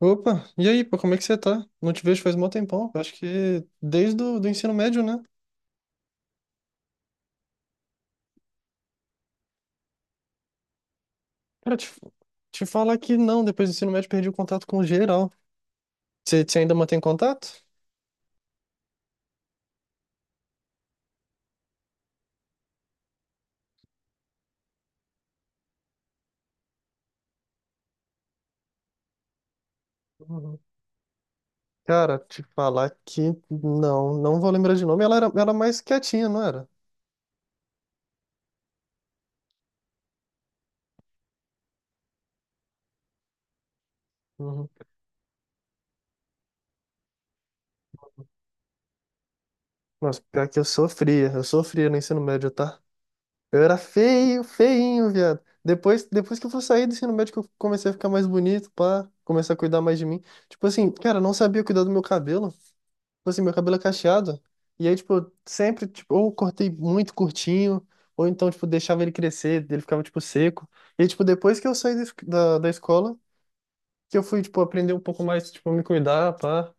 Opa, e aí, pô, como é que você tá? Não te vejo faz mó tempão. Eu acho que desde o do ensino médio, né? Cara, te falar que não, depois do ensino médio perdi o contato com geral. Você ainda mantém contato? Uhum. Cara, te falar que não, não vou lembrar de nome. Ela era mais quietinha, não era? Uhum. Nossa, pior que eu sofria no ensino médio, tá? Eu era feio, feinho, viado. Depois que eu fui sair do ensino médio, que eu comecei a ficar mais bonito, pá, comecei a cuidar mais de mim. Tipo assim, cara, eu não sabia cuidar do meu cabelo. Tipo assim, meu cabelo é cacheado. E aí, tipo, eu sempre, tipo, ou cortei muito curtinho, ou então, tipo, deixava ele crescer, ele ficava, tipo, seco. E tipo, depois que eu saí da, es- da da escola, que eu fui, tipo, aprender um pouco mais, tipo, me cuidar, pá.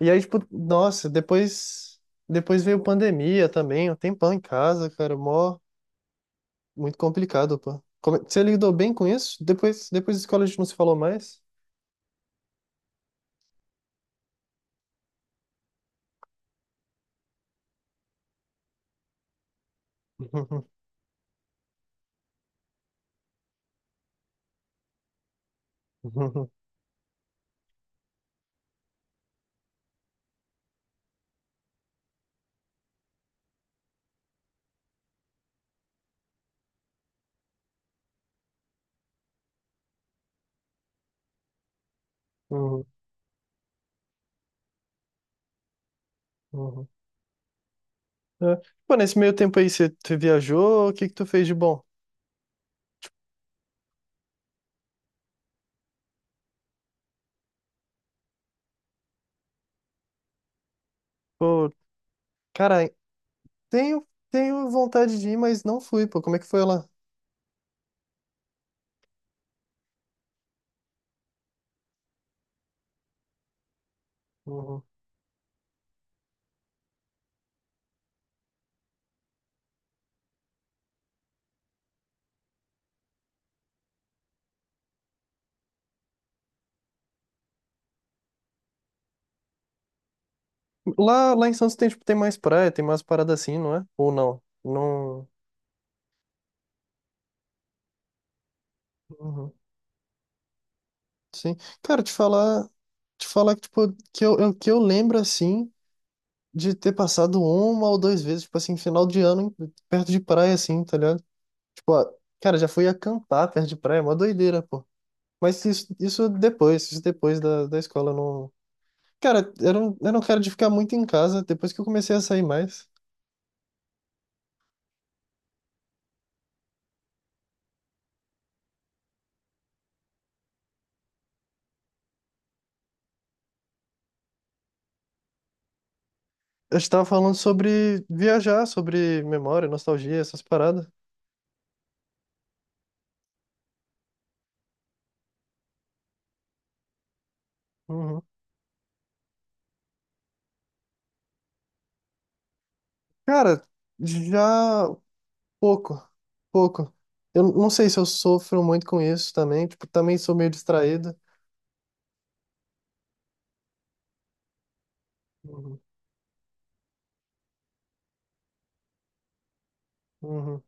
E aí, tipo, nossa, depois, depois veio pandemia também, um tempão em casa, cara, mó. Muito complicado, pô. Você lidou bem com isso? Depois, depois da escola a gente não se falou mais? Uhum, uhum, uhum. Uhum. É. Pô, nesse meio tempo aí, você viajou? O que que tu fez de bom? Pô, cara, tenho vontade de ir, mas não fui, pô. Como é que foi lá? Uhum. Lá em Santos tem, tipo, tem mais praia, tem mais parada assim, não é? Ou não? Não. Uhum. Sim. Cara, te falar que, tipo, que eu lembro assim de ter passado uma ou duas vezes, tipo assim, final de ano, em- perto de praia, assim, tá ligado? Tipo, ah, cara, já fui acampar perto de praia, é mó doideira, pô. Mas isso, isso depois da escola, eu não. Cara, eu não quero de ficar muito em casa, depois que eu comecei a sair mais. Eu estava falando sobre viajar, sobre memória, nostalgia, essas paradas. Uhum. Cara, já pouco, pouco. Eu não sei se eu sofro muito com isso também, tipo, também sou meio distraído. Uhum, uhum.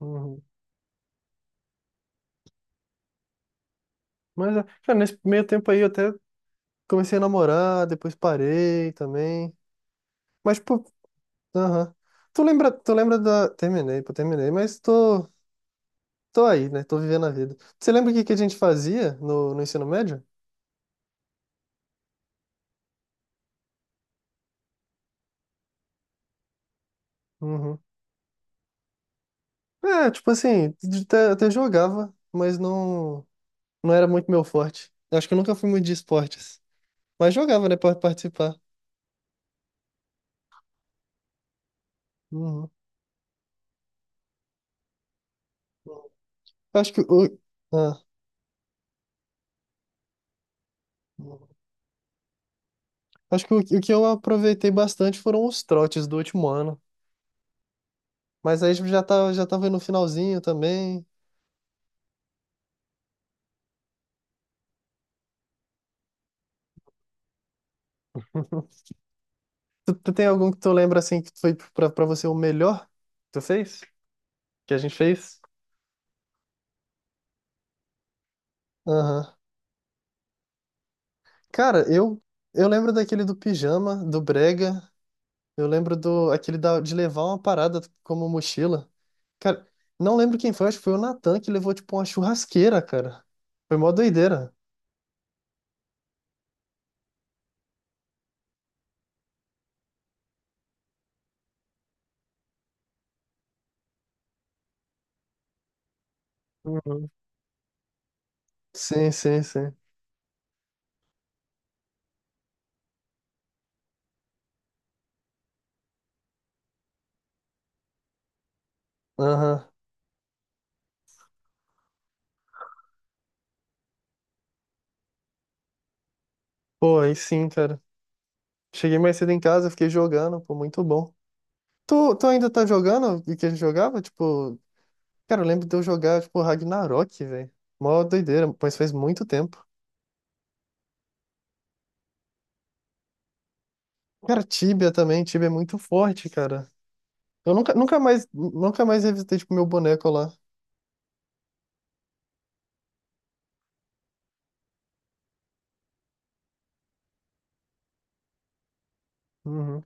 Uhum. Mas, é, cara, nesse meio tempo aí eu até comecei a namorar, depois parei também. Mas, pô, aham. Tu lembra da. Terminei, pô, terminei, mas tô aí, né? Tô vivendo a vida. Você lembra o que que a gente fazia no ensino médio? Uhum. É, tipo assim, de- até, até jogava, mas não era muito meu forte. Eu acho que eu nunca fui muito de esportes. Mas jogava, né, pra participar. Uhum. Acho que o. ah. Acho que o que eu aproveitei bastante foram os trotes do último ano. Mas aí já tá, já tava no finalzinho também. Tu tem algum que tu lembra assim que foi pra você o melhor que tu fez? Que a gente fez? Aham. Cara, eu lembro daquele do pijama, do brega. Eu lembro do aquele da, de levar uma parada como mochila. Cara, não lembro quem foi, acho que foi o Natan que levou tipo uma churrasqueira, cara. Foi mó doideira. Uhum. Sim, sim, sim. Aham. Pô, aí sim, cara. Cheguei mais cedo em casa, fiquei jogando, pô, muito bom. Tu ainda tá jogando o que a gente jogava? Tipo, cara, eu lembro de eu jogar, tipo, Ragnarok, velho. Mó doideira, mas faz muito tempo. Cara, Tibia também, Tibia é muito forte, cara. Eu nunca, nunca mais revisitei, tipo, meu boneco lá. Uhum.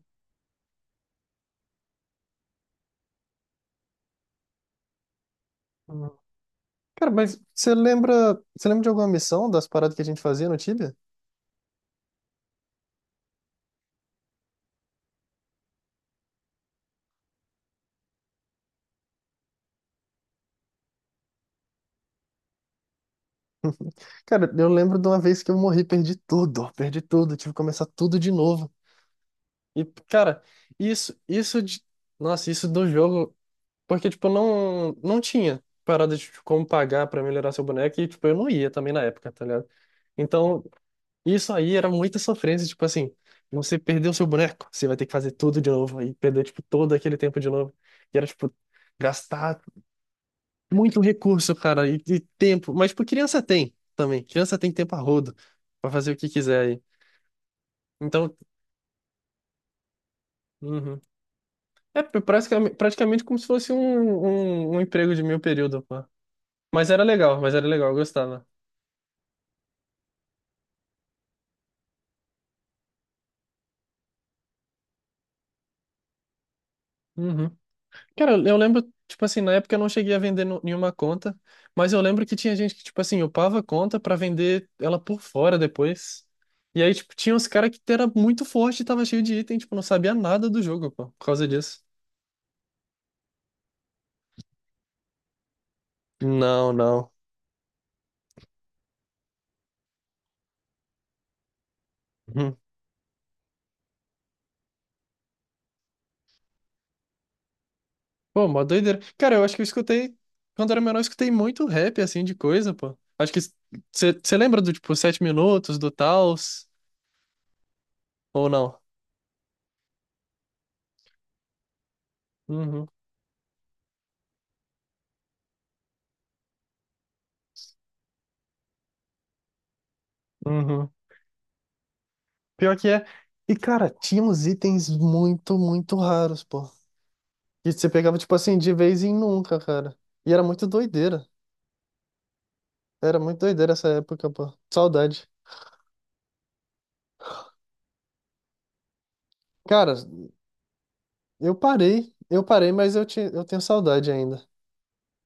Uhum. Cara, mas você lembra de alguma missão das paradas que a gente fazia no Tibia? Cara, eu lembro de uma vez que eu morri, perdi tudo, tive que começar tudo de novo. E, cara, isso de... Nossa, isso do jogo. Porque, tipo, não tinha parada de tipo, como pagar pra melhorar seu boneco e, tipo, eu não ia também na época, tá ligado? Então, isso aí era muita sofrência, tipo assim, você perdeu seu boneco, você vai ter que fazer tudo de novo e perder, tipo, todo aquele tempo de novo. E era, tipo, gastar muito recurso, cara, e tempo. Mas, tipo, criança tem também. Criança tem tempo a rodo pra fazer o que quiser aí. Então, uhum. É praticamente, praticamente como se fosse um, um emprego de meio período, pô. Mas era legal, eu gostava. Uhum. Cara, eu lembro, tipo assim, na época eu não cheguei a vender nenhuma conta, mas eu lembro que tinha gente que, tipo assim, upava a conta pra vender ela por fora depois. E aí, tipo, tinha uns caras que era muito forte e tava cheio de item, tipo, não sabia nada do jogo, pô, por causa disso. Não, não. Uhum. Pô, mó doideira. Cara, eu acho que eu escutei, quando era menor, eu escutei muito rap, assim, de coisa, pô. Acho que você lembra do, tipo, Sete Minutos, do Taos, ou não? Uhum. Uhum. Pior que é. E, cara, tinha uns itens muito, muito raros, pô. E você pegava, tipo assim, de vez em nunca, cara. E era muito doideira. Era muito doideira essa época, pô. Saudade. Cara, eu parei. Eu parei, mas eu, te, eu tenho saudade ainda.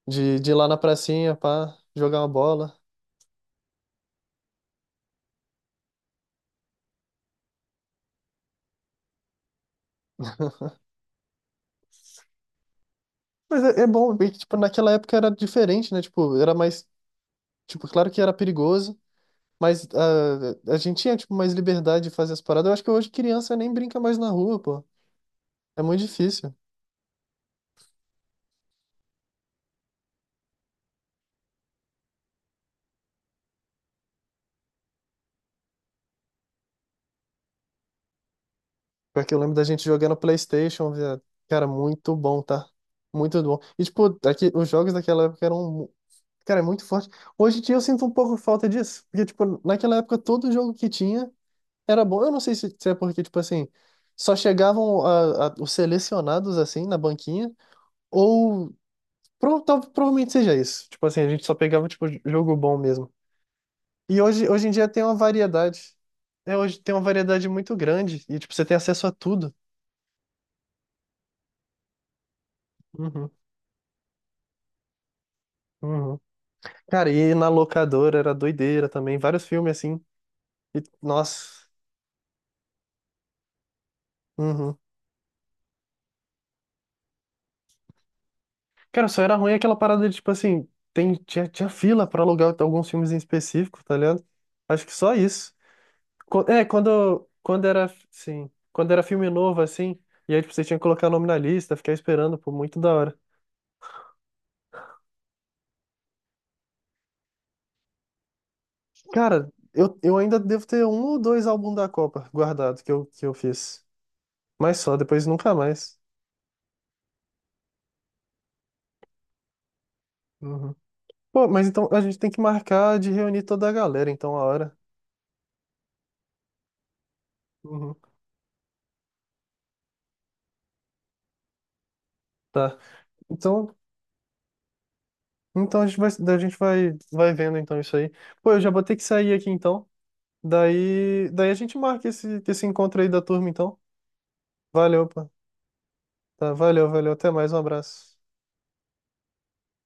De ir lá na pracinha, pá, jogar uma bola. Mas é, é bom ver que, tipo, naquela época era diferente, né? Tipo, era mais... Tipo, claro que era perigoso, mas ah, a gente tinha, tipo, mais liberdade de fazer as paradas. Eu acho que hoje criança nem brinca mais na rua, pô. É muito difícil. Pior que eu lembro da gente jogando PlayStation, viado. Cara, muito bom, tá? Muito bom. E, tipo, daqui, os jogos daquela época eram, cara, muito forte. Hoje em dia eu sinto um pouco falta disso. Porque, tipo, naquela época todo jogo que tinha era bom. Eu não sei se, se é porque, tipo assim, só chegavam os selecionados, assim, na banquinha. Ou provavelmente seja isso. Tipo assim, a gente só pegava, tipo, jogo bom mesmo. E hoje, hoje em dia tem uma variedade. É, hoje tem uma variedade muito grande. E, tipo, você tem acesso a tudo. Uhum. Uhum. Cara, e na locadora era doideira também, vários filmes assim. E, nossa. Uhum. Cara, só era ruim aquela parada de, tipo assim, tem, tinha fila pra alugar alguns filmes em específico, tá ligado? Acho que só isso. Co- É, quando, quando era, sim, quando era filme novo, assim, e aí, tipo, você tinha que colocar nome na lista, ficar esperando, pô, muito da hora. Cara, eu ainda devo ter um ou dois álbuns da Copa guardado que eu fiz. Mas só, depois nunca mais. Uhum. Pô, mas então a gente tem que marcar de reunir toda a galera, então, a hora. Uhum. Tá. Então, então a gente vai, vai vendo então isso aí. Pô, eu já vou ter que sair aqui então. Daí, daí a gente marca esse encontro aí da turma então. Valeu, pô. Tá, valeu, valeu. Até mais, um abraço.